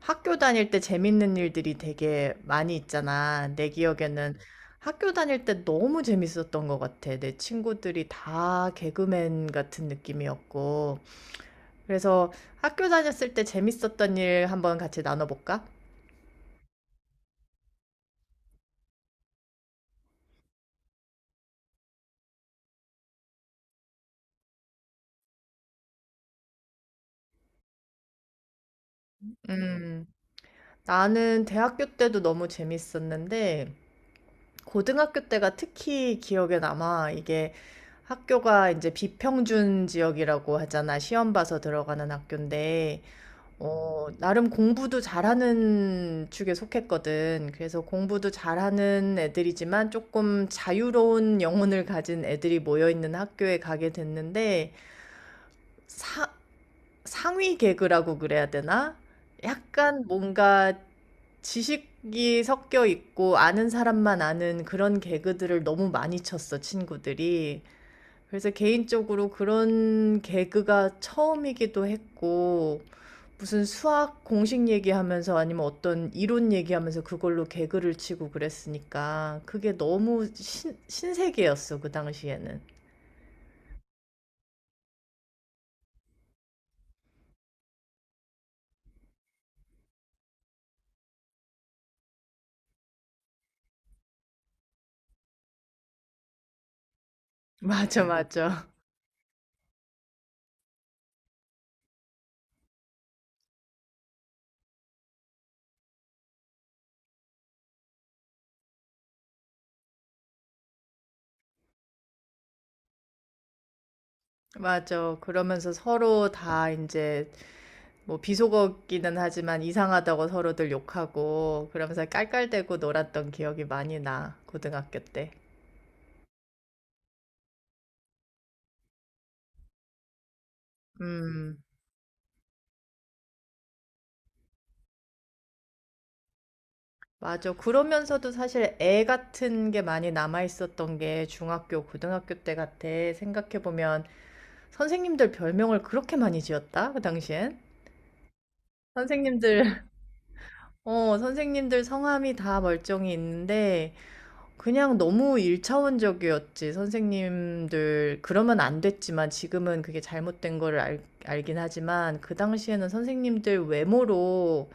학교 다닐 때 재밌는 일들이 되게 많이 있잖아. 내 기억에는 학교 다닐 때 너무 재밌었던 것 같아. 내 친구들이 다 개그맨 같은 느낌이었고. 그래서 학교 다녔을 때 재밌었던 일 한번 같이 나눠볼까? 음, 나는 대학교 때도 너무 재밌었는데, 고등학교 때가 특히 기억에 남아. 이게 학교가 이제 비평준 지역이라고 하잖아. 시험 봐서 들어가는 학교인데. 나름 공부도 잘하는 축에 속했거든. 그래서 공부도 잘하는 애들이지만 조금 자유로운 영혼을 가진 애들이 모여 있는 학교에 가게 됐는데 사, 상위 개그라고 그래야 되나? 약간 뭔가 지식이 섞여 있고 아는 사람만 아는 그런 개그들을 너무 많이 쳤어, 친구들이. 그래서 개인적으로 그런 개그가 처음이기도 했고, 무슨 수학 공식 얘기하면서 아니면 어떤 이론 얘기하면서 그걸로 개그를 치고 그랬으니까 그게 너무 신세계였어, 그 당시에는. 맞아, 맞아. 맞아. 그러면서 서로 다 이제 뭐 비속어기는 하지만 이상하다고 서로들 욕하고 그러면서 깔깔대고 놀았던 기억이 많이 나, 고등학교 때. 음. 맞아. 그러면서도 사실 애 같은 게 많이 남아 있었던 게 중학교, 고등학교 때 같아. 생각해 보면 선생님들 별명을 그렇게 많이 지었다, 그 당시엔. 선생님들, 어, 선생님들 성함이 다 멀쩡히 있는데 그냥 너무 일차원적이었지. 선생님들 그러면 안 됐지만 지금은 그게 잘못된 거를 알긴 하지만 그 당시에는 선생님들 외모로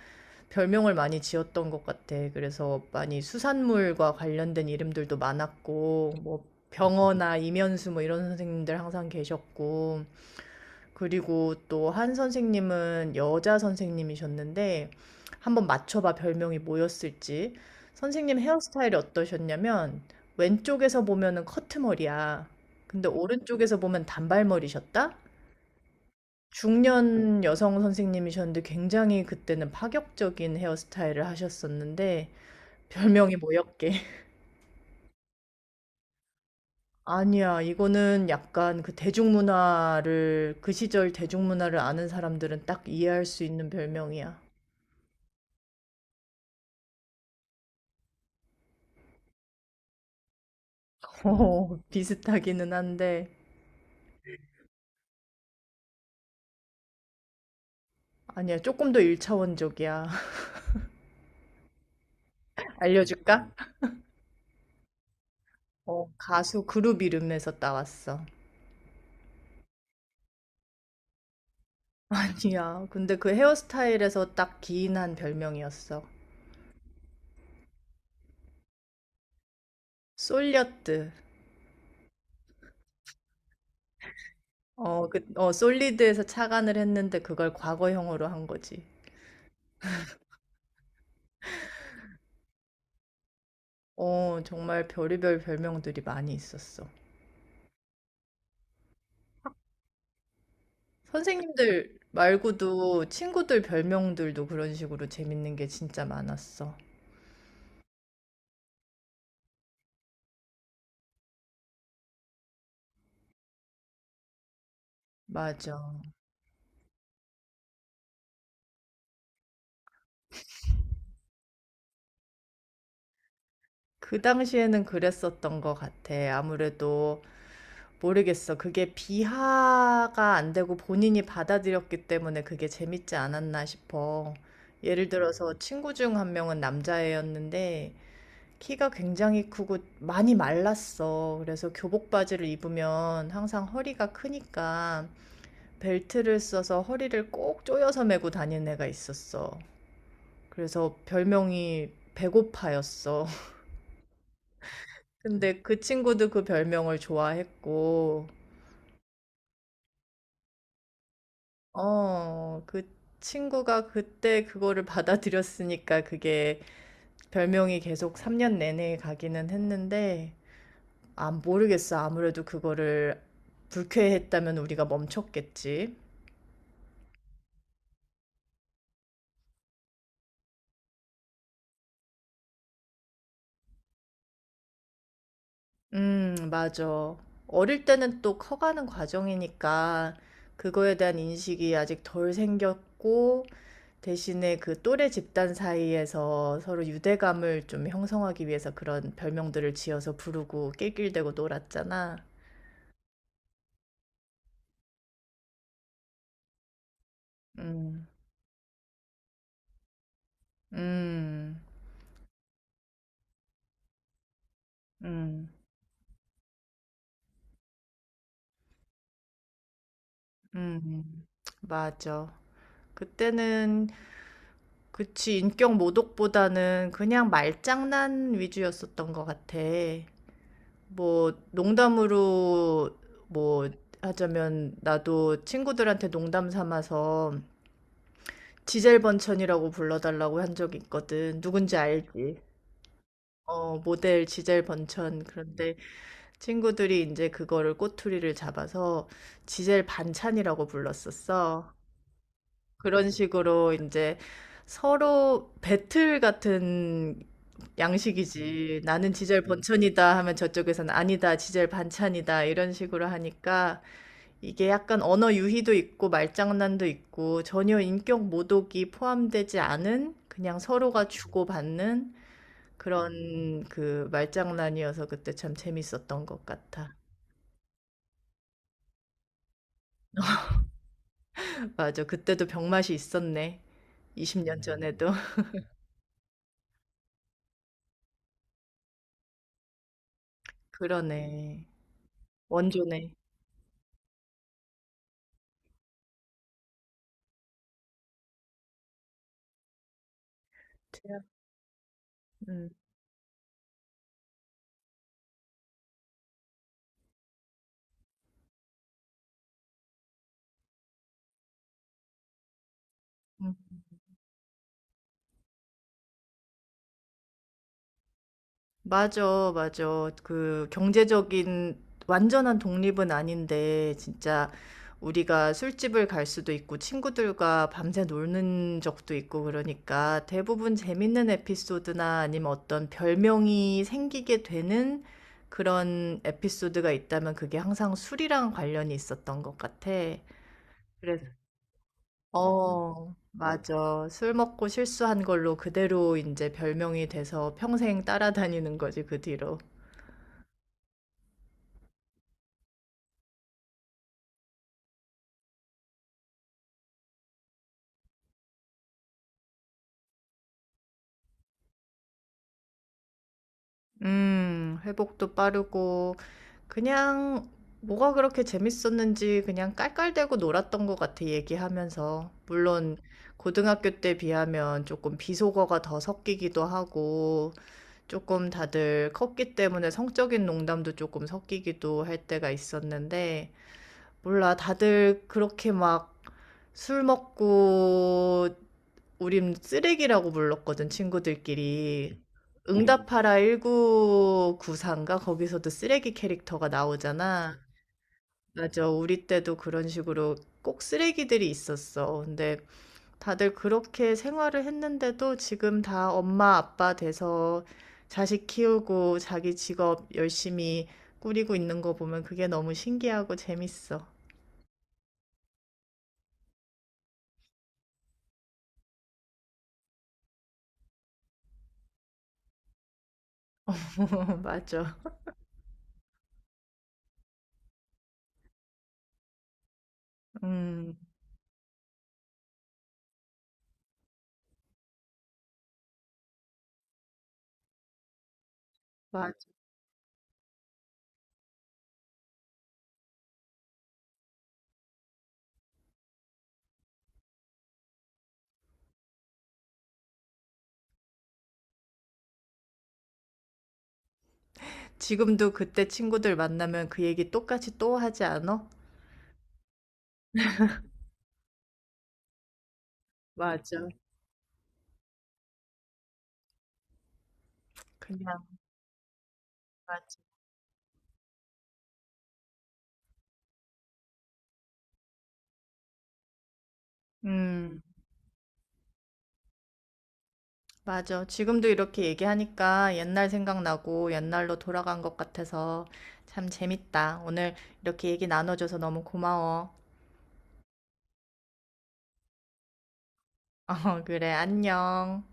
별명을 많이 지었던 것 같아. 그래서 많이 수산물과 관련된 이름들도 많았고, 뭐 병어나 이면수 뭐 이런 선생님들 항상 계셨고, 그리고 또 한 선생님은 여자 선생님이셨는데, 한번 맞춰봐 별명이 뭐였을지. 선생님 헤어스타일이 어떠셨냐면, 왼쪽에서 보면은 커트머리야. 근데 오른쪽에서 보면 단발머리셨다? 중년 여성 선생님이셨는데 굉장히 그때는 파격적인 헤어스타일을 하셨었는데 별명이 뭐였게? 아니야, 이거는 약간 그 대중문화를, 그 시절 대중문화를 아는 사람들은 딱 이해할 수 있는 별명이야. 어, 비슷하기는 한데 아니야, 조금 더 일차원적이야. 알려줄까? 어, 가수 그룹 이름에서 따왔어. 아니야, 근데 그 헤어스타일에서 딱 기인한 별명이었어. 솔려뜨. 솔리드에서 착안을 했는데 그걸 과거형으로 한 거지. 어, 정말 별의별 별명들이 많이 있었어. 선생님들 말고도 친구들 별명들도 그런 식으로 재밌는 게 진짜 많았어. 맞아. 그 당시에는 그랬었던 것 같아. 아무래도 모르겠어. 그게 비하가 안 되고 본인이 받아들였기 때문에 그게 재밌지 않았나 싶어. 예를 들어서 친구 중 한 명은 남자애였는데 키가 굉장히 크고 많이 말랐어. 그래서 교복 바지를 입으면 항상 허리가 크니까 벨트를 써서 허리를 꼭 조여서 메고 다니는 애가 있었어. 그래서 별명이 배고파였어. 근데 그 친구도 그 별명을 좋아했고, 어, 그 친구가 그때 그거를 받아들였으니까 그게 별명이 계속 3년 내내 가기는 했는데, 아, 모르겠어. 아무래도 그거를 불쾌했다면 우리가 멈췄겠지. 맞아. 어릴 때는 또 커가는 과정이니까 그거에 대한 인식이 아직 덜 생겼고, 대신에 그 또래 집단 사이에서 서로 유대감을 좀 형성하기 위해서 그런 별명들을 지어서 부르고 낄낄대고 놀았잖아. 음, 음, 음, 음, 음. 맞아. 그때는 그치, 인격 모독보다는 그냥 말장난 위주였었던 것 같아. 뭐, 농담으로, 뭐, 하자면, 나도 친구들한테 농담 삼아서 지젤 번천이라고 불러달라고 한 적이 있거든. 누군지 알지? 어, 모델 지젤 번천. 그런데 친구들이 이제 그거를 꼬투리를 잡아서 지젤 반찬이라고 불렀었어. 그런 식으로 이제 서로 배틀 같은 양식이지. 나는 지젤 번천이다 하면 저쪽에서는 아니다, 지젤 반찬이다 이런 식으로 하니까 이게 약간 언어 유희도 있고 말장난도 있고 전혀 인격 모독이 포함되지 않은 그냥 서로가 주고받는 그런 그 말장난이어서 그때 참 재밌었던 것 같아. 맞아. 그때도 병맛이 있었네. 20년 전에도. 그러네. 원조네. 음, 음. 맞아, 맞아. 그 경제적인 완전한 독립은 아닌데, 진짜 우리가 술집을 갈 수도 있고, 친구들과 밤새 노는 적도 있고, 그러니까 대부분 재밌는 에피소드나 아니면 어떤 별명이 생기게 되는 그런 에피소드가 있다면 그게 항상 술이랑 관련이 있었던 것 같아. 어, 맞아. 술 먹고 실수한 걸로 그대로 이제 별명이 돼서 평생 따라다니는 거지, 그 뒤로. 회복도 빠르고, 그냥 뭐가 그렇게 재밌었는지 그냥 깔깔대고 놀았던 것 같아, 얘기하면서. 물론, 고등학교 때 비하면 조금 비속어가 더 섞이기도 하고, 조금 다들 컸기 때문에 성적인 농담도 조금 섞이기도 할 때가 있었는데, 몰라, 다들 그렇게 막 술 먹고 우린 쓰레기라고 불렀거든, 친구들끼리. 음. 응답하라 1994인가? 거기서도 쓰레기 캐릭터가 나오잖아. 맞아, 우리 때도 그런 식으로 꼭 쓰레기들이 있었어. 근데 다들 그렇게 생활을 했는데도 지금 다 엄마, 아빠 돼서 자식 키우고 자기 직업 열심히 꾸리고 있는 거 보면 그게 너무 신기하고 재밌어. 맞아. 음, 맞아. 지금도 그때 친구들 만나면 그 얘기 똑같이 또 하지 않아? 맞아. 그냥, 맞아. 음, 맞아. 지금도 이렇게 얘기하니까 옛날 생각나고 옛날로 돌아간 것 같아서 참 재밌다. 오늘 이렇게 얘기 나눠줘서 너무 고마워. 어, 그래. 안녕.